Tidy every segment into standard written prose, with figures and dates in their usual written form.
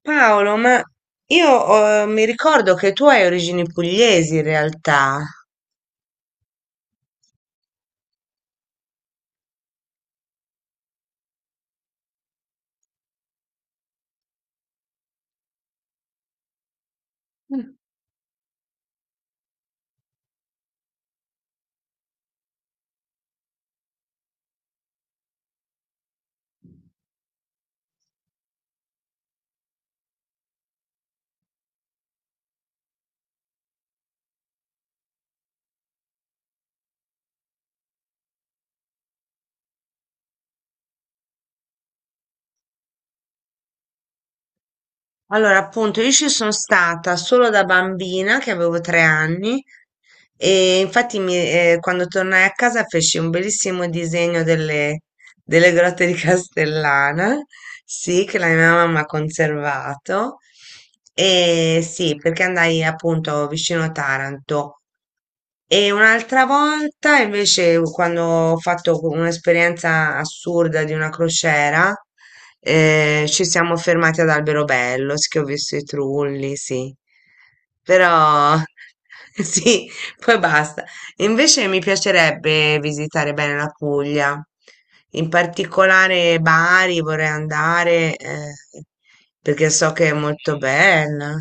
Paolo, ma io mi ricordo che tu hai origini pugliesi in realtà. Allora, appunto, io ci sono stata solo da bambina, che avevo 3 anni, e infatti quando tornai a casa feci un bellissimo disegno delle grotte di Castellana, sì, che la mia mamma ha conservato, e sì, perché andai appunto vicino Taranto. E un'altra volta invece quando ho fatto un'esperienza assurda di una crociera, ci siamo fermati ad Alberobello, sì, che ho visto i trulli, sì. Però sì, poi basta. Invece mi piacerebbe visitare bene la Puglia, in particolare Bari vorrei andare, perché so che è molto bella.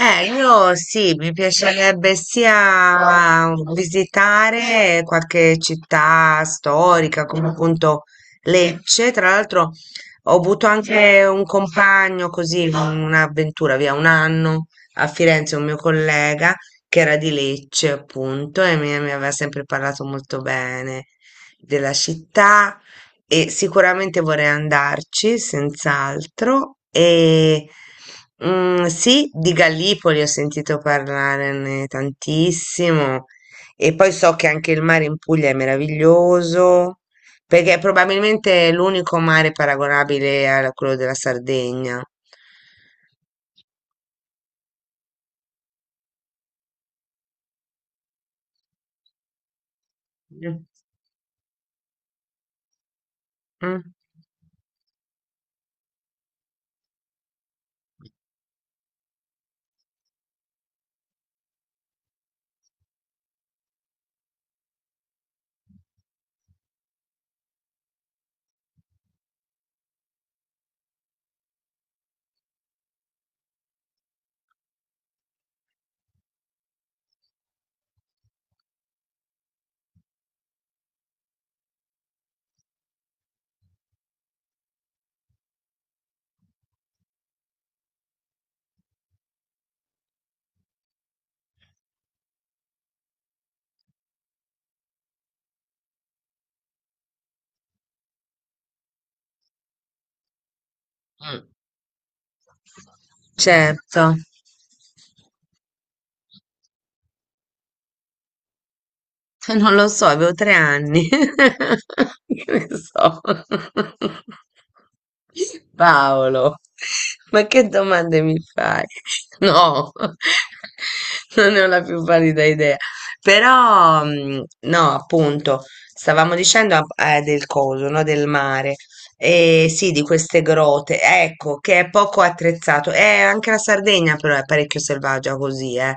Io sì, mi piacerebbe sia visitare qualche città storica, come appunto Lecce. Tra l'altro ho avuto anche un compagno così, un'avventura via 1 anno a Firenze, un mio collega che era di Lecce appunto e mi aveva sempre parlato molto bene della città. E sicuramente vorrei andarci, senz'altro. E mm, sì, di Gallipoli ho sentito parlare tantissimo. E poi so che anche il mare in Puglia è meraviglioso, perché è probabilmente l'unico mare paragonabile a quello della Sardegna. Mm. Mm. Certo. Non lo so, avevo 3 anni. Che ne so. Paolo, ma che domande mi fai? No, non ne ho la più pallida idea. Però, mm, no, appunto, stavamo dicendo ah, del coso, no, del mare. E sì, di queste grotte, ecco, che è poco attrezzato. Anche la Sardegna però è parecchio selvaggia così, eh.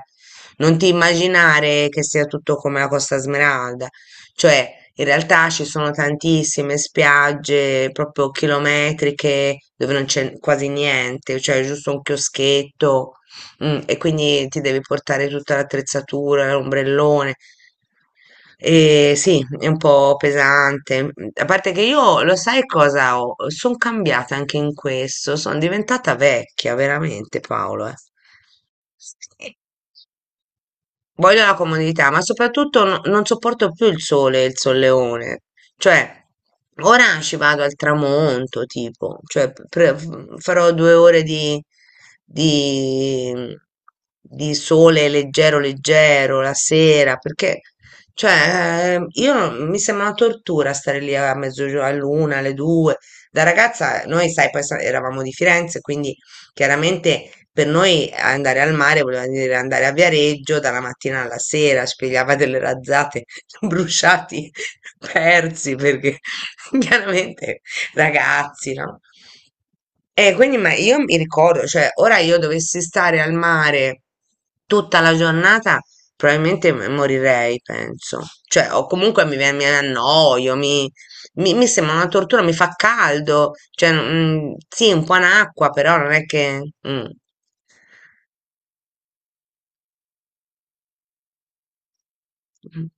Non ti immaginare che sia tutto come la Costa Smeralda, cioè in realtà ci sono tantissime spiagge proprio chilometriche dove non c'è quasi niente, cioè giusto un chioschetto, mm, e quindi ti devi portare tutta l'attrezzatura, l'ombrellone. E sì, è un po' pesante. A parte che io, lo sai cosa ho? Sono cambiata anche in questo, sono diventata vecchia, veramente, Paolo. Eh. Voglio la comodità, ma soprattutto non sopporto più il sole e il solleone. Cioè, ora ci vado al tramonto, tipo, cioè, farò 2 ore di, di sole leggero, leggero la sera, perché, cioè, io non- mi sembra una tortura stare lì a mezzogiorno, all'una, alle due. Da ragazza, noi, sai, eravamo di Firenze, quindi chiaramente per noi andare al mare voleva dire andare a Viareggio dalla mattina alla sera, spiegava delle razzate, bruciati, persi, perché chiaramente ragazzi, no? E quindi ma io mi ricordo, cioè ora io dovessi stare al mare tutta la giornata, probabilmente morirei, penso. Cioè, o comunque mi annoio, mi sembra una tortura, mi fa caldo, cioè, mm, sì, un po' in acqua, però non è che... Mm. Mm.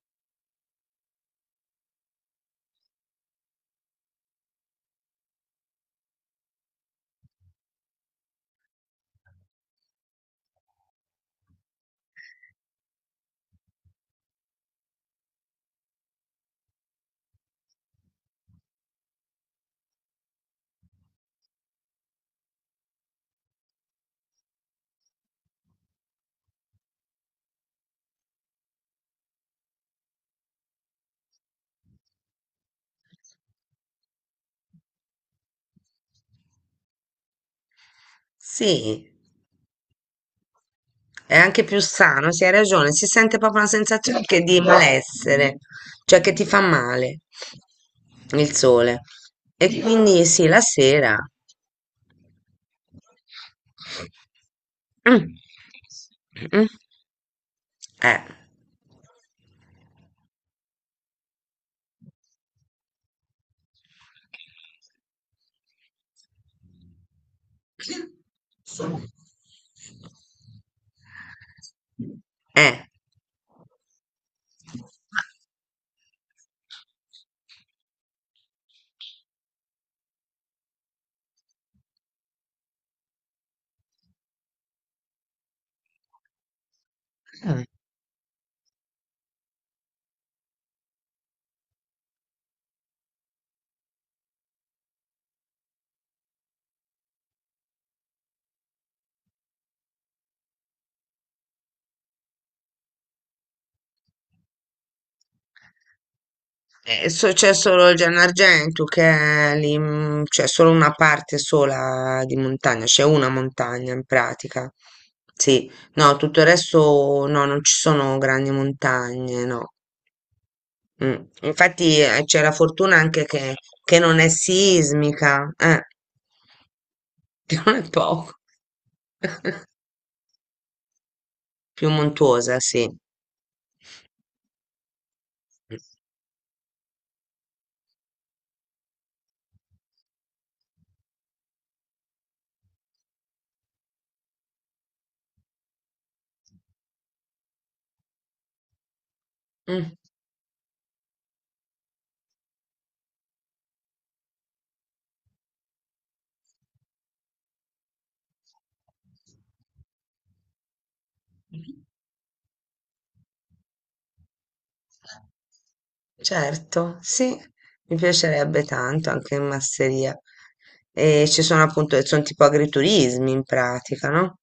Sì, è anche più sano, sì, hai ragione, si sente proprio una sensazione che di malessere, cioè che ti fa male il sole. E quindi sì, la sera. Mm. Mm. Eh. Eh. Mm. C'è solo il Gianargento che è lì, mm, c'è solo una parte sola di montagna, c'è una montagna in pratica. Sì, no, tutto il resto no, non ci sono grandi montagne, no. Mm. Infatti c'è la fortuna anche che non è sismica, che non è poco, più montuosa, sì. Mm. Certo, sì, mi piacerebbe tanto anche in masseria. E ci sono appunto, sono tipo agriturismi in pratica, no?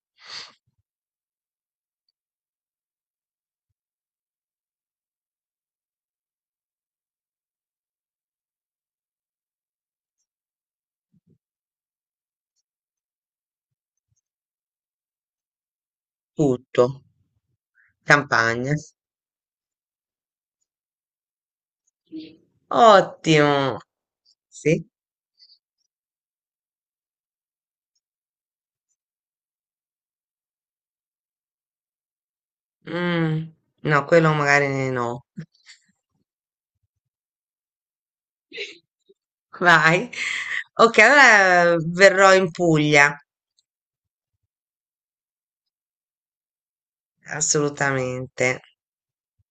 Tutto, campagna. Ottimo! Sì? Mm, no, quello magari no. Vai. Ok, allora verrò in Puglia, assolutamente.